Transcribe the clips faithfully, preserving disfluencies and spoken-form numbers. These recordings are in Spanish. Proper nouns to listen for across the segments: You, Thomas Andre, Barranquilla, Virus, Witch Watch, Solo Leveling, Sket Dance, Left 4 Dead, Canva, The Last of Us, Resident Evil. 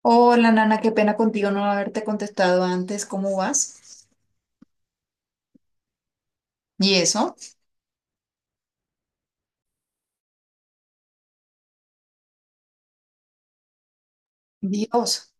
Hola, Nana, qué pena contigo no haberte contestado antes. ¿Cómo vas? ¿Y eso? Dios.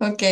Ok.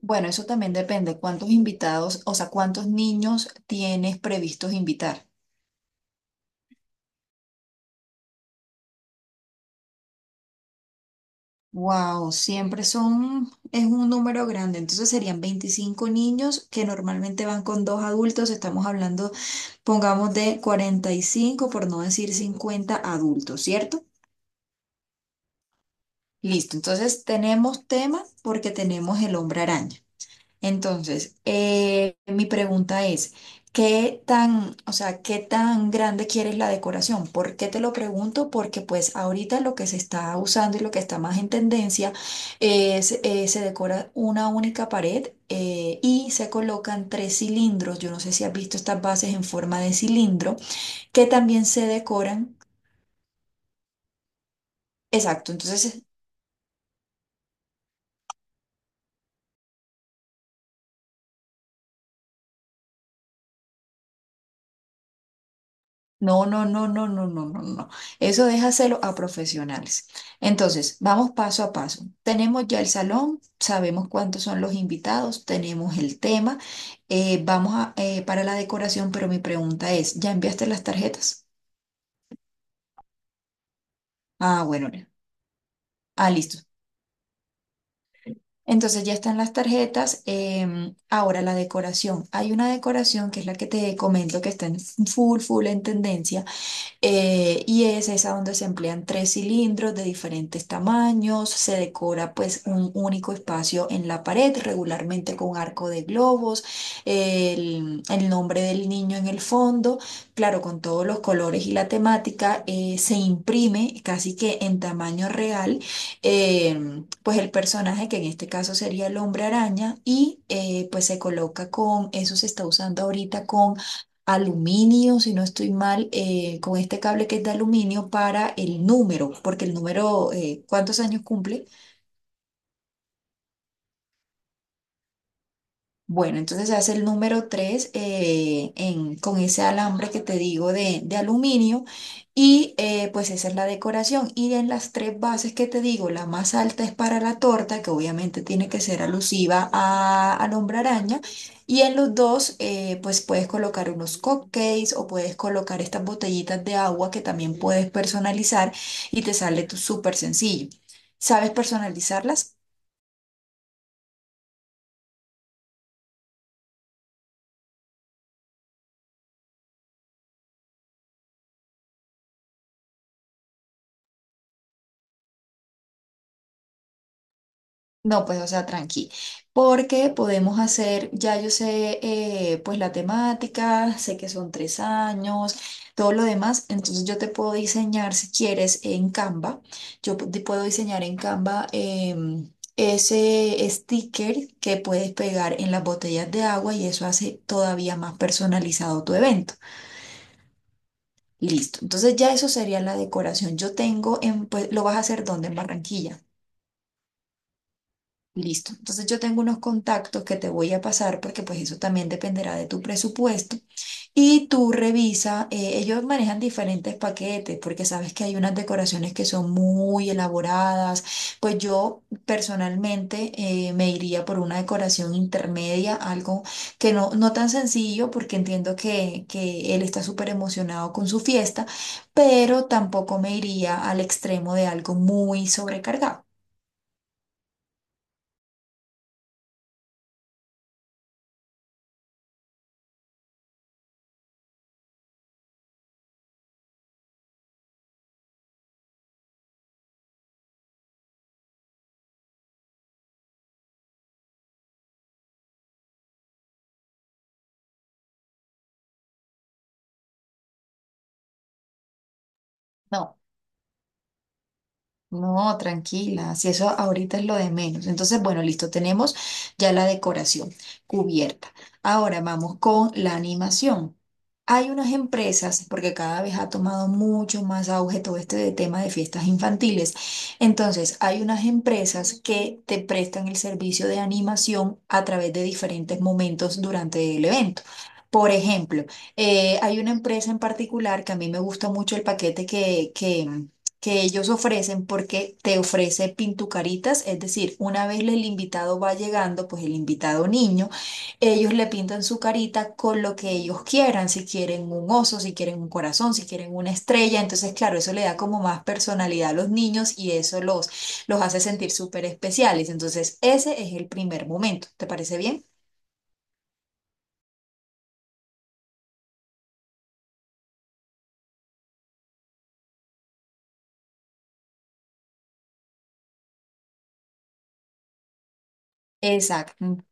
Bueno, eso también depende. ¿Cuántos invitados, o sea, cuántos niños tienes previstos invitar? Wow, siempre son, es un número grande. Entonces serían veinticinco niños que normalmente van con dos adultos. Estamos hablando, pongamos, de cuarenta y cinco, por no decir cincuenta adultos, ¿cierto? Listo. Entonces tenemos tema porque tenemos el hombre araña. Entonces, eh, mi pregunta es, ¿qué tan, o sea, qué tan grande quieres la decoración? ¿Por qué te lo pregunto? Porque pues ahorita lo que se está usando y lo que está más en tendencia es, eh, se decora una única pared eh, y se colocan tres cilindros. Yo no sé si has visto estas bases en forma de cilindro que también se decoran. Exacto, entonces no, no, no, no, no, no, no, no. Eso déjaselo a profesionales. Entonces, vamos paso a paso. Tenemos ya el salón, sabemos cuántos son los invitados, tenemos el tema, eh, vamos a, eh, para la decoración, pero mi pregunta es, ¿ya enviaste las tarjetas? Ah, bueno, ya. Ah, listo. Entonces ya están las tarjetas. Em, ahora la decoración. Hay una decoración que es la que te comento que está en full, full en tendencia. Eh, y es esa donde se emplean tres cilindros de diferentes tamaños, se decora pues un único espacio en la pared, regularmente con arco de globos, el, el nombre del niño en el fondo, claro, con todos los colores y la temática, eh, se imprime casi que en tamaño real, eh, pues el personaje que en este caso sería el hombre araña y eh, pues se coloca con, eso se está usando ahorita con aluminio, si no estoy mal, eh, con este cable que es de aluminio para el número, porque el número, eh, ¿cuántos años cumple? Bueno, entonces hace el número tres con ese alambre que te digo de, de aluminio y eh, pues esa es la decoración. Y en las tres bases que te digo, la más alta es para la torta, que obviamente tiene que ser alusiva a, al hombre araña. Y en los dos, eh, pues puedes colocar unos cupcakes o puedes colocar estas botellitas de agua que también puedes personalizar y te sale tú súper sencillo. ¿Sabes personalizarlas? No, pues, o sea, tranqui, porque podemos hacer, ya yo sé, eh, pues la temática, sé que son tres años, todo lo demás, entonces yo te puedo diseñar, si quieres, en Canva, yo pu- te puedo diseñar en Canva, em, ese sticker que puedes pegar en las botellas de agua y eso hace todavía más personalizado tu evento. Listo, entonces ya eso sería la decoración. Yo tengo, en, pues, lo vas a hacer ¿dónde? En Barranquilla. Listo. Entonces yo tengo unos contactos que te voy a pasar porque pues eso también dependerá de tu presupuesto. Y tú revisa, eh, ellos manejan diferentes paquetes porque sabes que hay unas decoraciones que son muy elaboradas. Pues yo personalmente eh, me iría por una decoración intermedia, algo que no, no tan sencillo porque entiendo que, que él está súper emocionado con su fiesta, pero tampoco me iría al extremo de algo muy sobrecargado. No, no, tranquila, si eso ahorita es lo de menos. Entonces, bueno, listo, tenemos ya la decoración cubierta. Ahora vamos con la animación. Hay unas empresas, porque cada vez ha tomado mucho más auge todo este de tema de fiestas infantiles. Entonces, hay unas empresas que te prestan el servicio de animación a través de diferentes momentos durante el evento. Por ejemplo, eh, hay una empresa en particular que a mí me gusta mucho el paquete que, que que ellos ofrecen porque te ofrece pintucaritas, es decir, una vez el invitado va llegando, pues el invitado niño, ellos le pintan su carita con lo que ellos quieran, si quieren un oso, si quieren un corazón, si quieren una estrella, entonces claro, eso le da como más personalidad a los niños y eso los, los hace sentir súper especiales, entonces ese es el primer momento, ¿te parece bien? Exacto.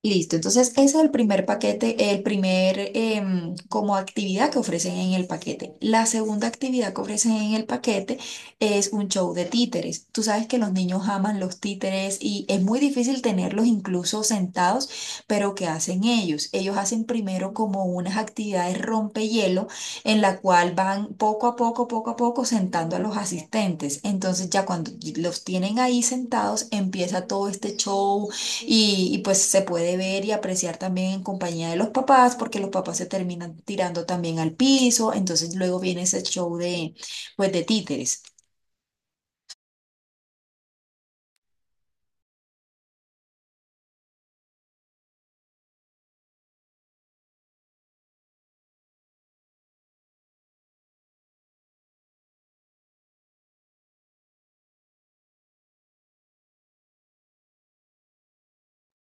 Listo, entonces ese es el primer paquete, el primer em, como actividad que ofrecen en el paquete. La segunda actividad que ofrecen en el paquete es un show de títeres. Tú sabes que los niños aman los títeres y es muy difícil tenerlos incluso sentados, pero ¿qué hacen ellos? Ellos hacen primero como unas actividades rompehielo en la cual van poco a poco, poco a poco sentando a los asistentes. Entonces ya cuando los tienen ahí sentados empieza todo este show y, y pues se puede ver y apreciar también en compañía de los papás, porque los papás se terminan tirando también al piso, entonces luego viene ese show de, pues, de títeres.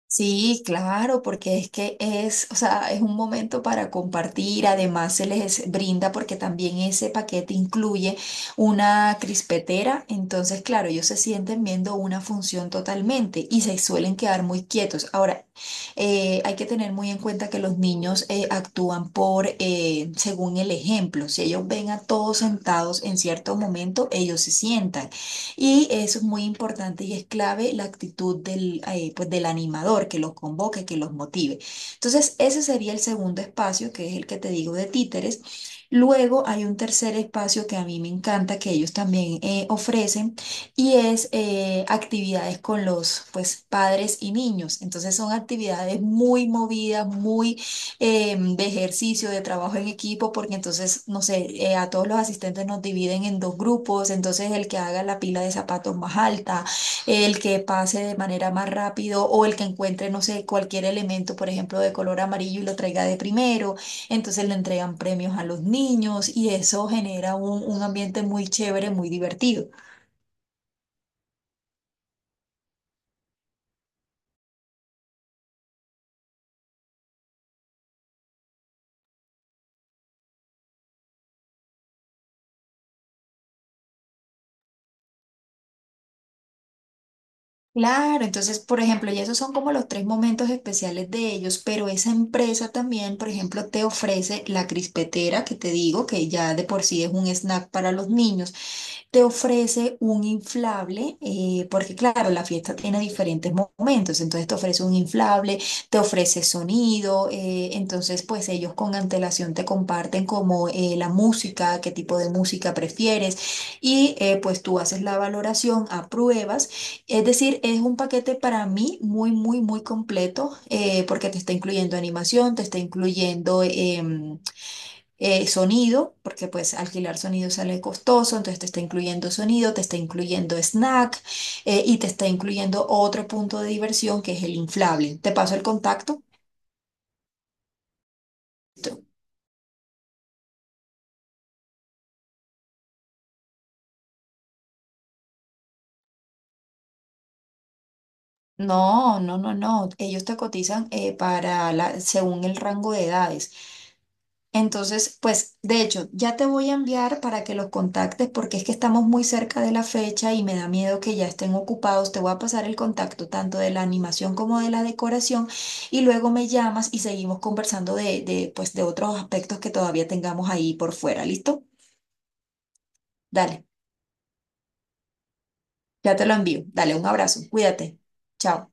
Sí, claro, porque es que es, o sea, es un momento para compartir. Además, se les brinda porque también ese paquete incluye una crispetera. Entonces, claro, ellos se sienten viendo una función totalmente y se suelen quedar muy quietos. Ahora, eh, hay que tener muy en cuenta que los niños eh, actúan por eh, según el ejemplo. Si ellos ven a todos sentados en cierto momento, ellos se sientan. Y eso es muy importante y es clave la actitud del, eh, pues, del animador que los convoque, que los motive. Entonces, ese sería el segundo espacio, que es el que te digo de títeres. Luego hay un tercer espacio que a mí me encanta, que ellos también eh, ofrecen, y es eh, actividades con los pues, padres y niños. Entonces son actividades muy movidas, muy eh, de ejercicio, de trabajo en equipo, porque entonces, no sé, eh, a todos los asistentes nos dividen en dos grupos, entonces el que haga la pila de zapatos más alta, el que pase de manera más rápido o el que encuentre, no sé, cualquier elemento, por ejemplo, de color amarillo y lo traiga de primero, entonces le entregan premios a los niños y eso genera un, un ambiente muy chévere, muy divertido. Claro, entonces, por ejemplo, y esos son como los tres momentos especiales de ellos, pero esa empresa también, por ejemplo, te ofrece la crispetera que te digo, que ya de por sí es un snack para los niños. Te ofrece un inflable, eh, porque claro, la fiesta tiene diferentes mo- momentos, entonces te ofrece un inflable, te ofrece sonido, eh, entonces pues ellos con antelación te comparten como eh, la música, qué tipo de música prefieres y eh, pues tú haces la valoración, apruebas, es decir, es un paquete para mí muy, muy, muy completo, eh, porque te está incluyendo animación, te está incluyendo, em, eh, sonido, porque pues alquilar sonido sale costoso, entonces te está incluyendo sonido, te está incluyendo snack, eh, y te está incluyendo otro punto de diversión que es el inflable. Te paso el contacto. Tú, No, no, no, no. Ellos te cotizan eh, para la, según el rango de edades. Entonces, pues, de hecho, ya te voy a enviar para que los contactes porque es que estamos muy cerca de la fecha y me da miedo que ya estén ocupados. Te voy a pasar el contacto tanto de la animación como de la decoración y luego me llamas y seguimos conversando de, de, pues, de otros aspectos que todavía tengamos ahí por fuera. ¿Listo? Dale, ya te lo envío. Dale, un abrazo. Cuídate. Chao.